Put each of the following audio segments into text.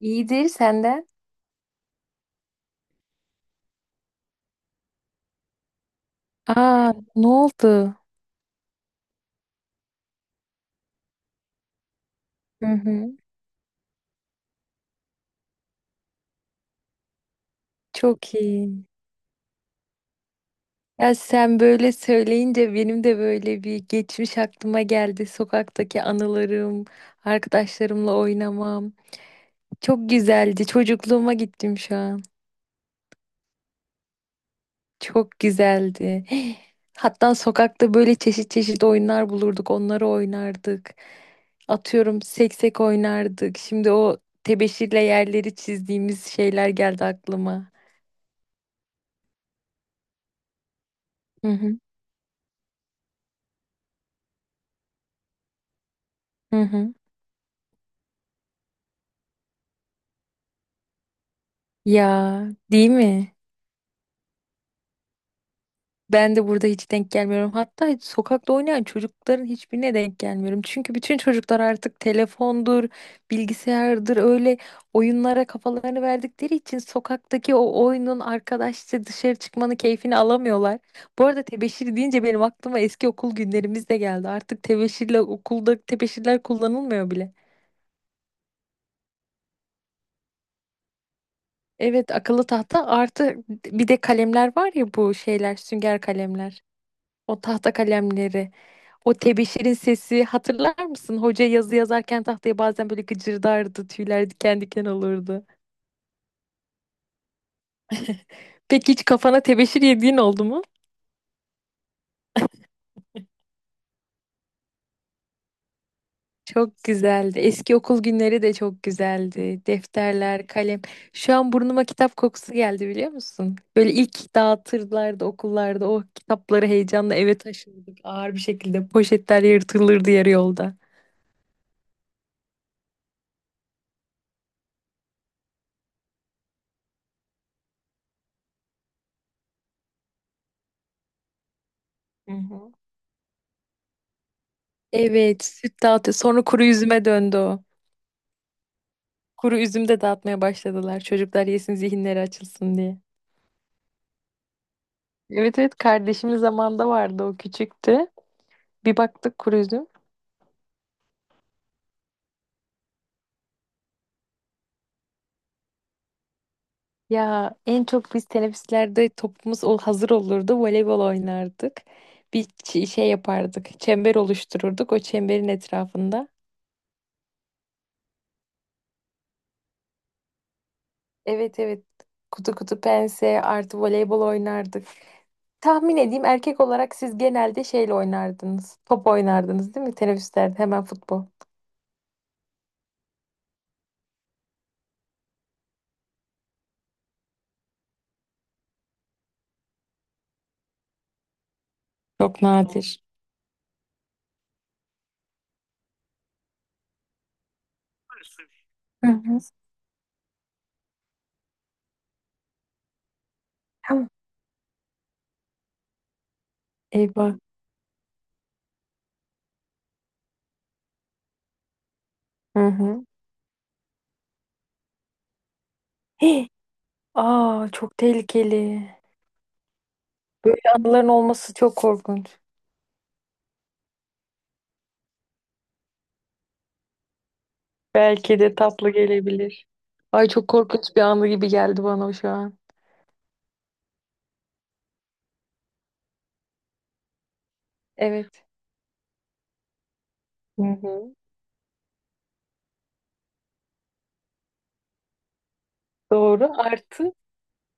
İyidir senden. Aa, ne oldu? Hı hı. Çok iyi. Ya sen böyle söyleyince benim de böyle bir geçmiş aklıma geldi. Sokaktaki anılarım, arkadaşlarımla oynamam. Çok güzeldi. Çocukluğuma gittim şu an. Çok güzeldi. Hatta sokakta böyle çeşit çeşit oyunlar bulurduk. Onları oynardık. Atıyorum seksek oynardık. Şimdi o tebeşirle yerleri çizdiğimiz şeyler geldi aklıma. Hı hı. Hı hı. Ya değil mi? Ben de burada hiç denk gelmiyorum. Hatta sokakta oynayan çocukların hiçbirine denk gelmiyorum. Çünkü bütün çocuklar artık telefondur, bilgisayardır öyle oyunlara kafalarını verdikleri için sokaktaki o oyunun arkadaşça dışarı çıkmanın keyfini alamıyorlar. Bu arada tebeşir deyince benim aklıma eski okul günlerimiz de geldi. Artık tebeşirle okulda tebeşirler kullanılmıyor bile. Evet, akıllı tahta artı bir de kalemler var ya, bu şeyler sünger kalemler. O tahta kalemleri, o tebeşirin sesi hatırlar mısın? Hoca yazı yazarken tahtaya bazen böyle gıcırdardı, tüyler diken diken olurdu. Peki hiç kafana tebeşir yediğin oldu mu? Çok güzeldi. Eski okul günleri de çok güzeldi. Defterler, kalem. Şu an burnuma kitap kokusu geldi biliyor musun? Böyle ilk dağıtırlardı okullarda. O kitapları heyecanla eve taşırdık. Ağır bir şekilde poşetler yırtılırdı yarı yolda. Hı hı. Evet, süt dağıtı. Sonra kuru üzüme döndü o. Kuru üzüm de dağıtmaya başladılar. Çocuklar yesin, zihinleri açılsın diye. Evet evet, kardeşimiz zamanında vardı o küçüktü. Bir baktık kuru üzüm. Ya en çok biz teneffüslerde hazır olurdu. Voleybol oynardık. Şey yapardık. Çember oluştururduk. O çemberin etrafında. Evet evet. Kutu kutu pense artı voleybol oynardık. Tahmin edeyim, erkek olarak siz genelde şeyle oynardınız. Top oynardınız değil mi? Teneffüslerde hemen futbol. Çok nadir. Hı hı. Tamam. Eyvah. Hı hı. Hih! Aa, çok tehlikeli. Böyle anıların olması çok korkunç. Belki de tatlı gelebilir. Ay, çok korkunç bir anı gibi geldi bana şu an. Evet. Hı hı. Doğru. Artı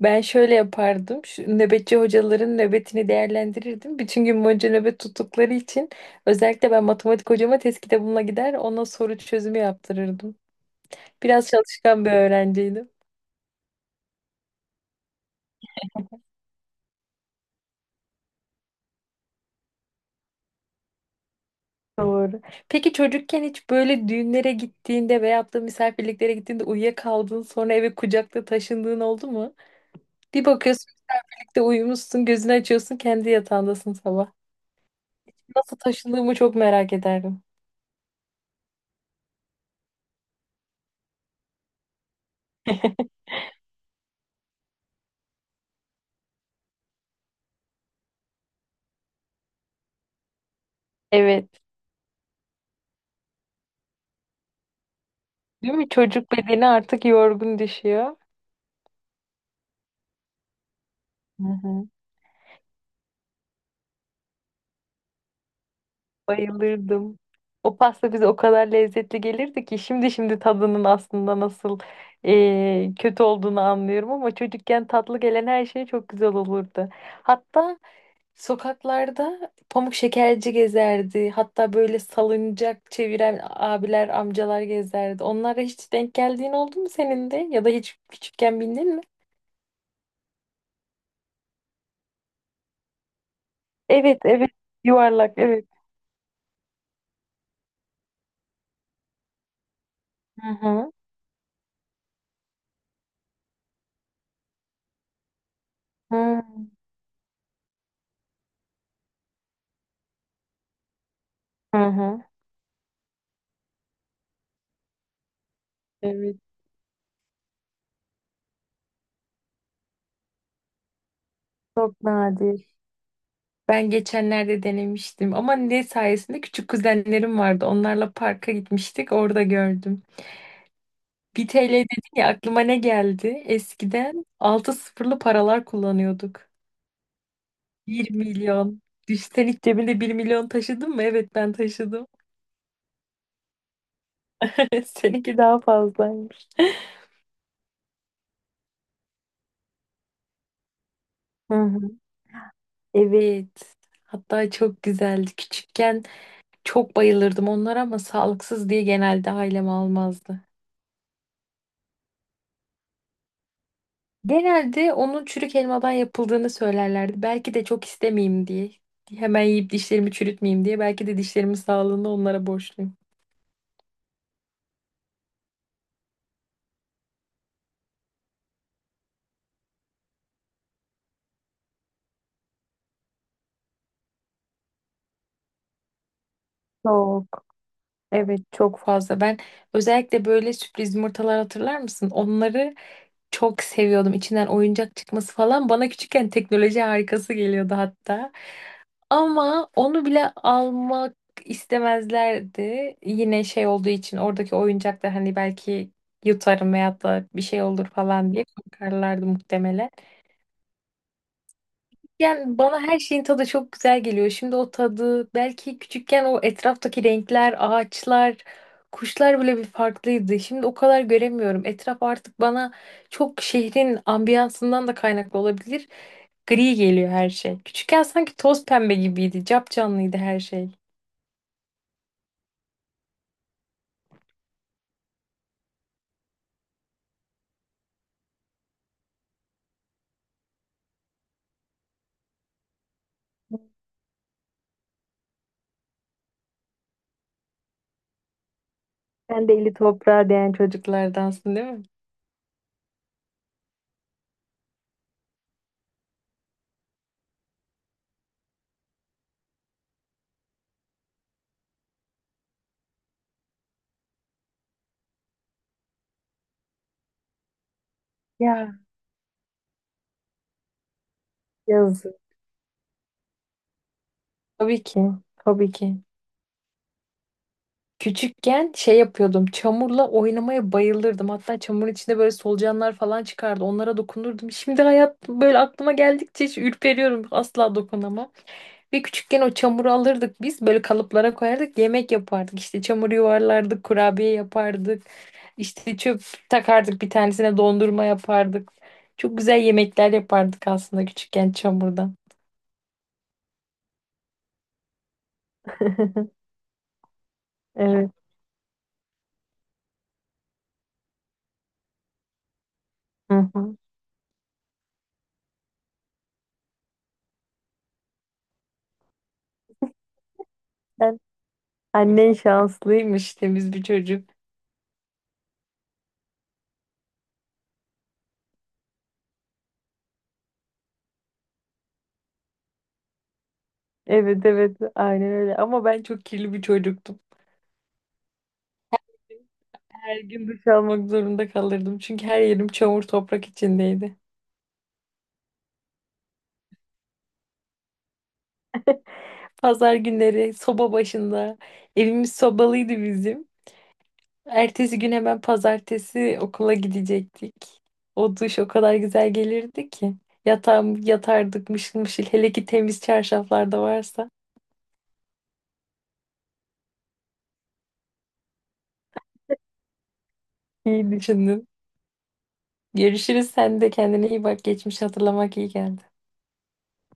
ben şöyle yapardım. Şu nöbetçi hocaların nöbetini değerlendirirdim. Bütün gün boyunca nöbet tuttukları için özellikle ben matematik hocama test kitabımla gider ona soru çözümü yaptırırdım. Biraz çalışkan bir öğrenciydim. Doğru. Peki çocukken hiç böyle düğünlere gittiğinde veyahut da misafirliklere gittiğinde uyuyakaldın sonra eve kucakta taşındığın oldu mu? Bir bakıyorsun de uyumuşsun, gözünü açıyorsun, kendi yatağındasın sabah. Nasıl taşındığımı çok merak ederdim. Evet. Değil mi? Çocuk bedeni artık yorgun düşüyor. Hı hı. Bayılırdım. O pasta bize o kadar lezzetli gelirdi ki şimdi tadının aslında nasıl kötü olduğunu anlıyorum, ama çocukken tatlı gelen her şey çok güzel olurdu. Hatta sokaklarda pamuk şekerci gezerdi. Hatta böyle salıncak çeviren abiler, amcalar gezerdi. Onlara hiç denk geldiğin oldu mu senin de? Ya da hiç küçükken bindin mi? Evet, evet. Yuvarlak, evet. Hı hı. Hı hı. Hı. Evet. Çok nadir. Ben geçenlerde denemiştim ama ne sayesinde, küçük kuzenlerim vardı. Onlarla parka gitmiştik, orada gördüm. 1 TL dedin ya, aklıma ne geldi? Eskiden 6 sıfırlı paralar kullanıyorduk. Bir milyon. Düş- Sen hiç cebinde 1 milyon taşıdın mı? Evet, ben taşıdım. Seninki daha fazlaymış. Hı hı. Evet. Hatta çok güzeldi. Küçükken çok bayılırdım onlara ama sağlıksız diye genelde ailem almazdı. Genelde onun çürük elmadan yapıldığını söylerlerdi. Belki de çok istemeyeyim diye. Hemen yiyip dişlerimi çürütmeyeyim diye. Belki de dişlerimin sağlığını onlara borçluyum. Çok, evet çok fazla. Ben özellikle böyle sürpriz yumurtalar, hatırlar mısın? Onları çok seviyordum, içinden oyuncak çıkması falan. Bana küçükken teknoloji harikası geliyordu hatta. Ama onu bile almak istemezlerdi. Yine şey olduğu için, oradaki oyuncaklar hani belki yutarım veyahut da bir şey olur falan diye korkarlardı muhtemelen. Yani bana her şeyin tadı çok güzel geliyor. Şimdi o tadı belki küçükken o etraftaki renkler, ağaçlar, kuşlar bile bir farklıydı. Şimdi o kadar göremiyorum. Etraf artık bana çok şehrin ambiyansından da kaynaklı olabilir. Gri geliyor her şey. Küçükken sanki toz pembe gibiydi. Capcanlıydı her şey. Sen de eli toprağa değen çocuklardansın değil mi? Ya, yazık. Tabii ki. Tabii ki. Küçükken şey yapıyordum. Çamurla oynamaya bayılırdım. Hatta çamurun içinde böyle solucanlar falan çıkardı. Onlara dokunurdum. Şimdi hayat böyle aklıma geldikçe hiç ürperiyorum. Asla dokunamam. Ve küçükken o çamuru alırdık biz. Böyle kalıplara koyardık. Yemek yapardık. İşte çamur yuvarlardık. Kurabiye yapardık. İşte çöp takardık. Bir tanesine dondurma yapardık. Çok güzel yemekler yapardık aslında küçükken çamurdan. Evet. Hı hı. Ben- Annen şanslıymış, temiz bir çocuk. Evet evet, aynen öyle ama ben çok kirli bir çocuktum. Her gün duş almak zorunda kalırdım çünkü her yerim çamur toprak içindeydi. Pazar günleri soba başında, evimiz sobalıydı bizim. Ertesi gün hemen pazartesi okula gidecektik. O duş o kadar güzel gelirdi ki. Yatağım, yatardık mışıl mışıl hele ki temiz çarşaflar da varsa. İyi düşündün. Görüşürüz, sen de kendine iyi bak, geçmiş hatırlamak iyi geldi.